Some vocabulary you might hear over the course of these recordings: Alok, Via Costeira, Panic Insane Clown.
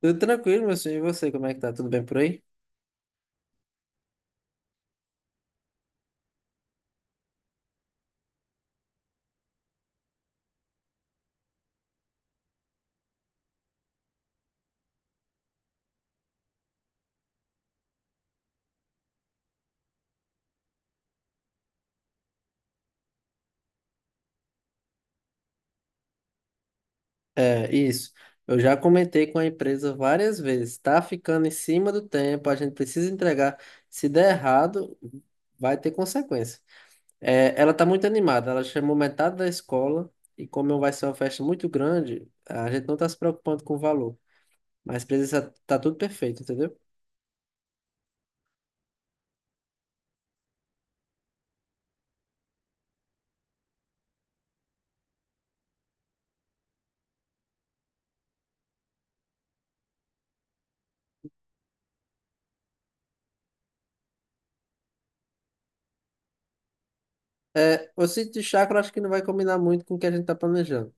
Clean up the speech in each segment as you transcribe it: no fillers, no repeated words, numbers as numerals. Tudo tranquilo, meu senhor. E você, como é que tá? Tudo bem por aí? É, isso. Eu já comentei com a empresa várias vezes. Tá ficando em cima do tempo, a gente precisa entregar. Se der errado, vai ter consequência. É, ela tá muito animada. Ela chamou metade da escola e como vai ser uma festa muito grande, a gente não tá se preocupando com o valor. Mas precisa tá tudo perfeito, entendeu? É, o sítio de chácara eu acho que não vai combinar muito com o que a gente tá planejando.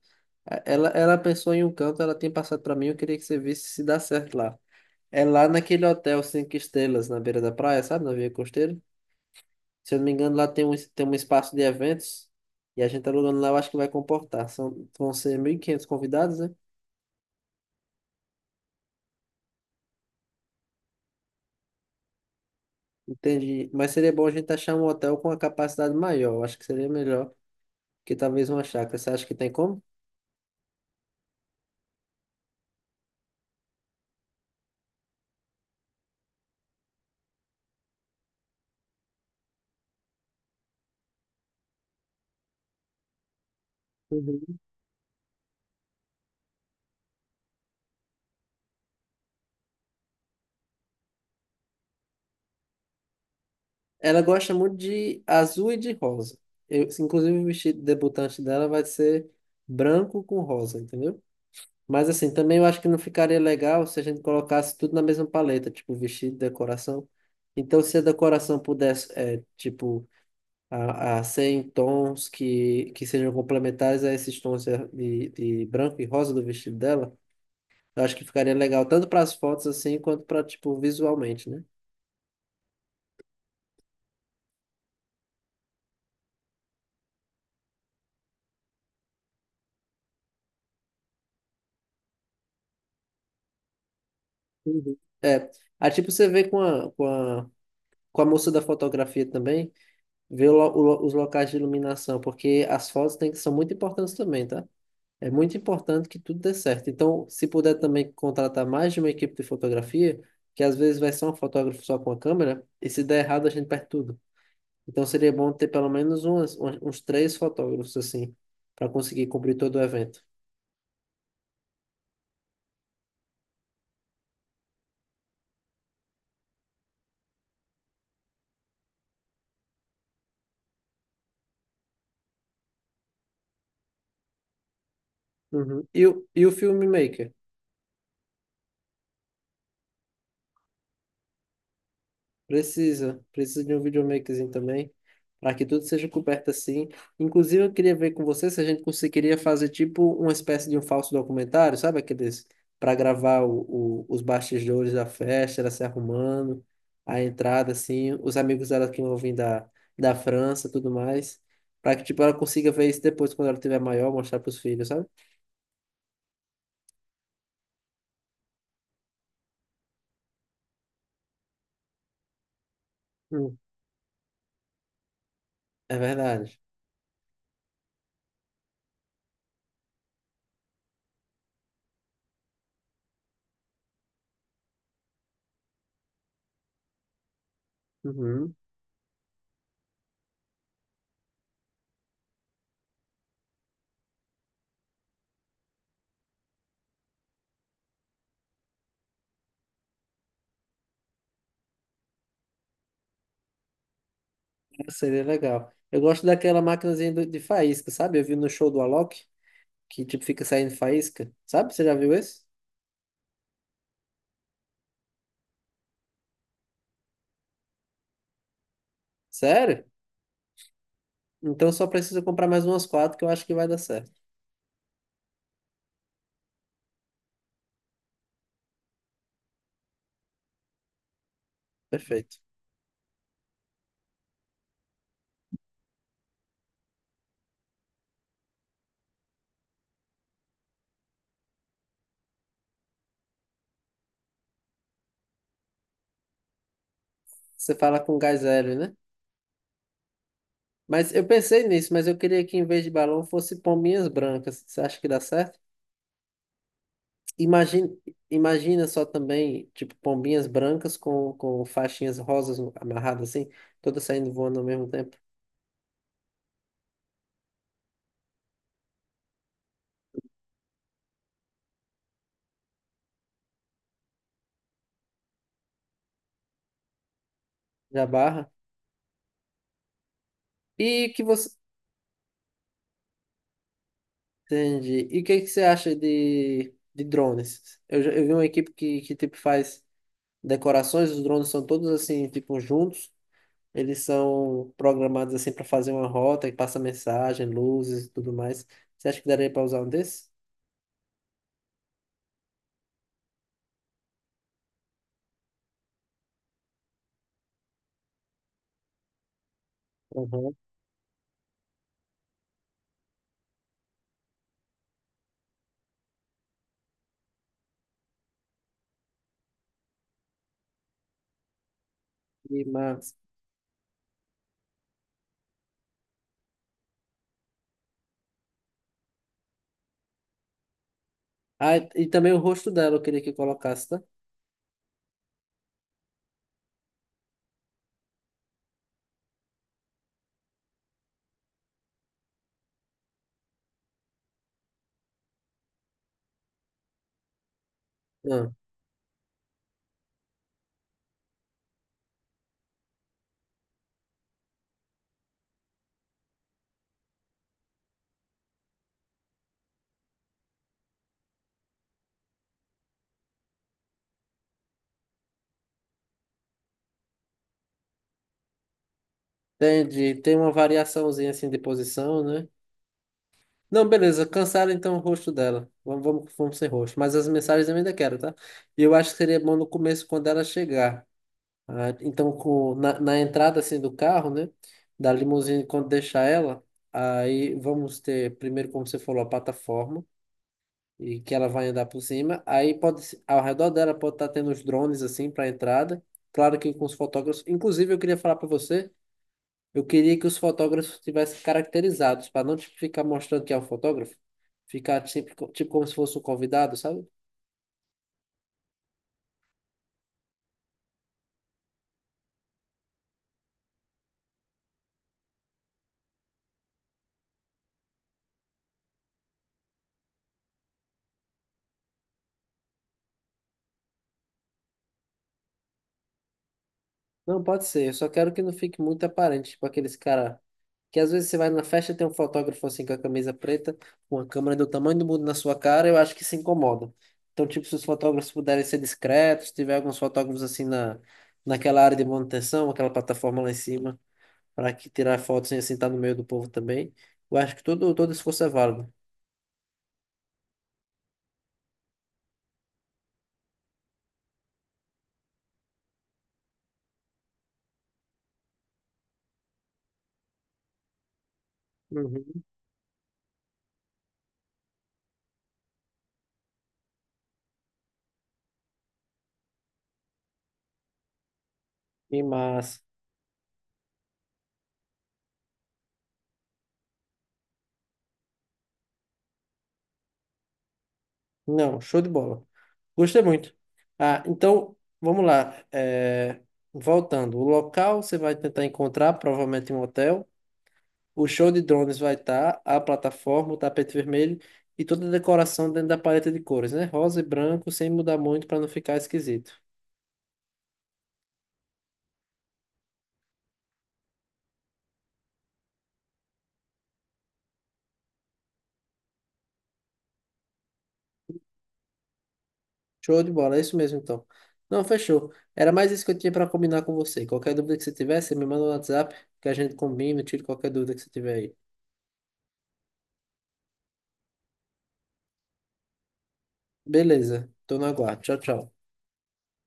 É, Ela pensou em um canto, ela tem passado para mim, eu queria que você visse se dá certo lá. É lá naquele hotel cinco estrelas na beira da praia, sabe? Na Via Costeira. Se eu não me engano, lá tem um espaço de eventos e a gente alugando lá, eu acho que vai comportar. Vão ser 1.500 convidados, né? Entendi. Mas seria bom a gente achar um hotel com uma capacidade maior. Eu acho que seria melhor que talvez uma chácara. Você acha que tem como? Uhum. Ela gosta muito de azul e de rosa. Inclusive, o vestido debutante dela vai ser branco com rosa, entendeu? Mas assim, também eu acho que não ficaria legal se a gente colocasse tudo na mesma paleta, tipo vestido, decoração. Então, se a decoração pudesse, tipo, a ser em tons que sejam complementares a esses tons de branco e rosa do vestido dela, eu acho que ficaria legal tanto para as fotos assim, quanto para, tipo, visualmente, né? Uhum. É, aí tipo você vê com a moça da fotografia também, vê os locais de iluminação, porque as fotos tem, são muito importantes também, tá? É muito importante que tudo dê certo. Então, se puder também contratar mais de uma equipe de fotografia, que às vezes vai ser um fotógrafo só com a câmera, e se der errado, a gente perde tudo. Então, seria bom ter pelo menos umas, uns uns três fotógrafos, assim, para conseguir cobrir todo o evento. Uhum. E o filmmaker? Precisa de um videomakerzinho também, para que tudo seja coberto assim. Inclusive, eu queria ver com você se a gente conseguiria fazer tipo uma espécie de um falso documentário, sabe? Aqueles para gravar os bastidores da festa, ela se arrumando, a entrada, assim, os amigos dela que vão vir da França, tudo mais, para que tipo ela consiga ver isso depois quando ela tiver maior, mostrar para os filhos, sabe? Hum, É verdade. Uhum, seria legal. Eu gosto daquela maquinazinha de faísca, sabe? Eu vi no show do Alok, que tipo fica saindo faísca. Sabe? Você já viu esse? Sério? Então só precisa comprar mais umas quatro que eu acho que vai dar certo. Perfeito. Você fala com gás hélio, né? Mas eu pensei nisso, mas eu queria que em vez de balão fosse pombinhas brancas. Você acha que dá certo? Imagina, imagina só também, tipo, pombinhas brancas com faixinhas rosas amarradas assim, todas saindo voando ao mesmo tempo. Já barra. E que você. Entendi. E o que que você acha de drones? Eu vi uma equipe que tipo faz decorações, os drones são todos assim, tipo, juntos. Eles são programados assim para fazer uma rota que passa mensagem, luzes e tudo mais. Você acha que daria para usar um desses? Uhum. E, mas... Ah, e também o rosto dela eu queria que colocasse, tá? Ah, entendi. Tem uma variaçãozinha assim de posição, né? Não, beleza. Cancela então o rosto dela. Vamos, vamos, vamos sem rosto. Mas as mensagens eu ainda quero, tá? E eu acho que seria bom no começo, quando ela chegar. Ah, então, na entrada assim do carro, né? Da limusine, quando deixar ela, aí vamos ter, primeiro, como você falou, a plataforma, e que ela vai andar por cima. Aí pode, ao redor dela pode estar tendo os drones assim para entrada. Claro que com os fotógrafos. Inclusive, eu queria falar para você, eu queria que os fotógrafos tivessem caracterizados, para não tipo, ficar mostrando que é um fotógrafo, ficar tipo, tipo como se fosse um convidado, sabe? Não, pode ser. Eu só quero que não fique muito aparente, tipo aqueles cara que às vezes você vai na festa e tem um fotógrafo assim com a camisa preta, com a câmera do tamanho do mundo na sua cara, eu acho que se incomoda. Então, tipo, se os fotógrafos puderem ser discretos, se tiver alguns fotógrafos assim naquela área de manutenção, aquela plataforma lá em cima, para que tirar fotos sem assim estar no meio do povo também, eu acho que todo esforço é válido. Uhum. E massa. Não, show de bola. Gostei muito. Ah, então, vamos lá. Voltando, o local você vai tentar encontrar, provavelmente em um hotel. O show de drones vai estar, a plataforma, o tapete vermelho e toda a decoração dentro da paleta de cores, né? Rosa e branco, sem mudar muito para não ficar esquisito. Show de bola, é isso mesmo então. Não, fechou. Era mais isso que eu tinha para combinar com você. Qualquer dúvida que você tiver, você me manda no WhatsApp, que a gente combina, tira qualquer dúvida que você tiver aí. Beleza, tô no aguardo. Tchau, tchau.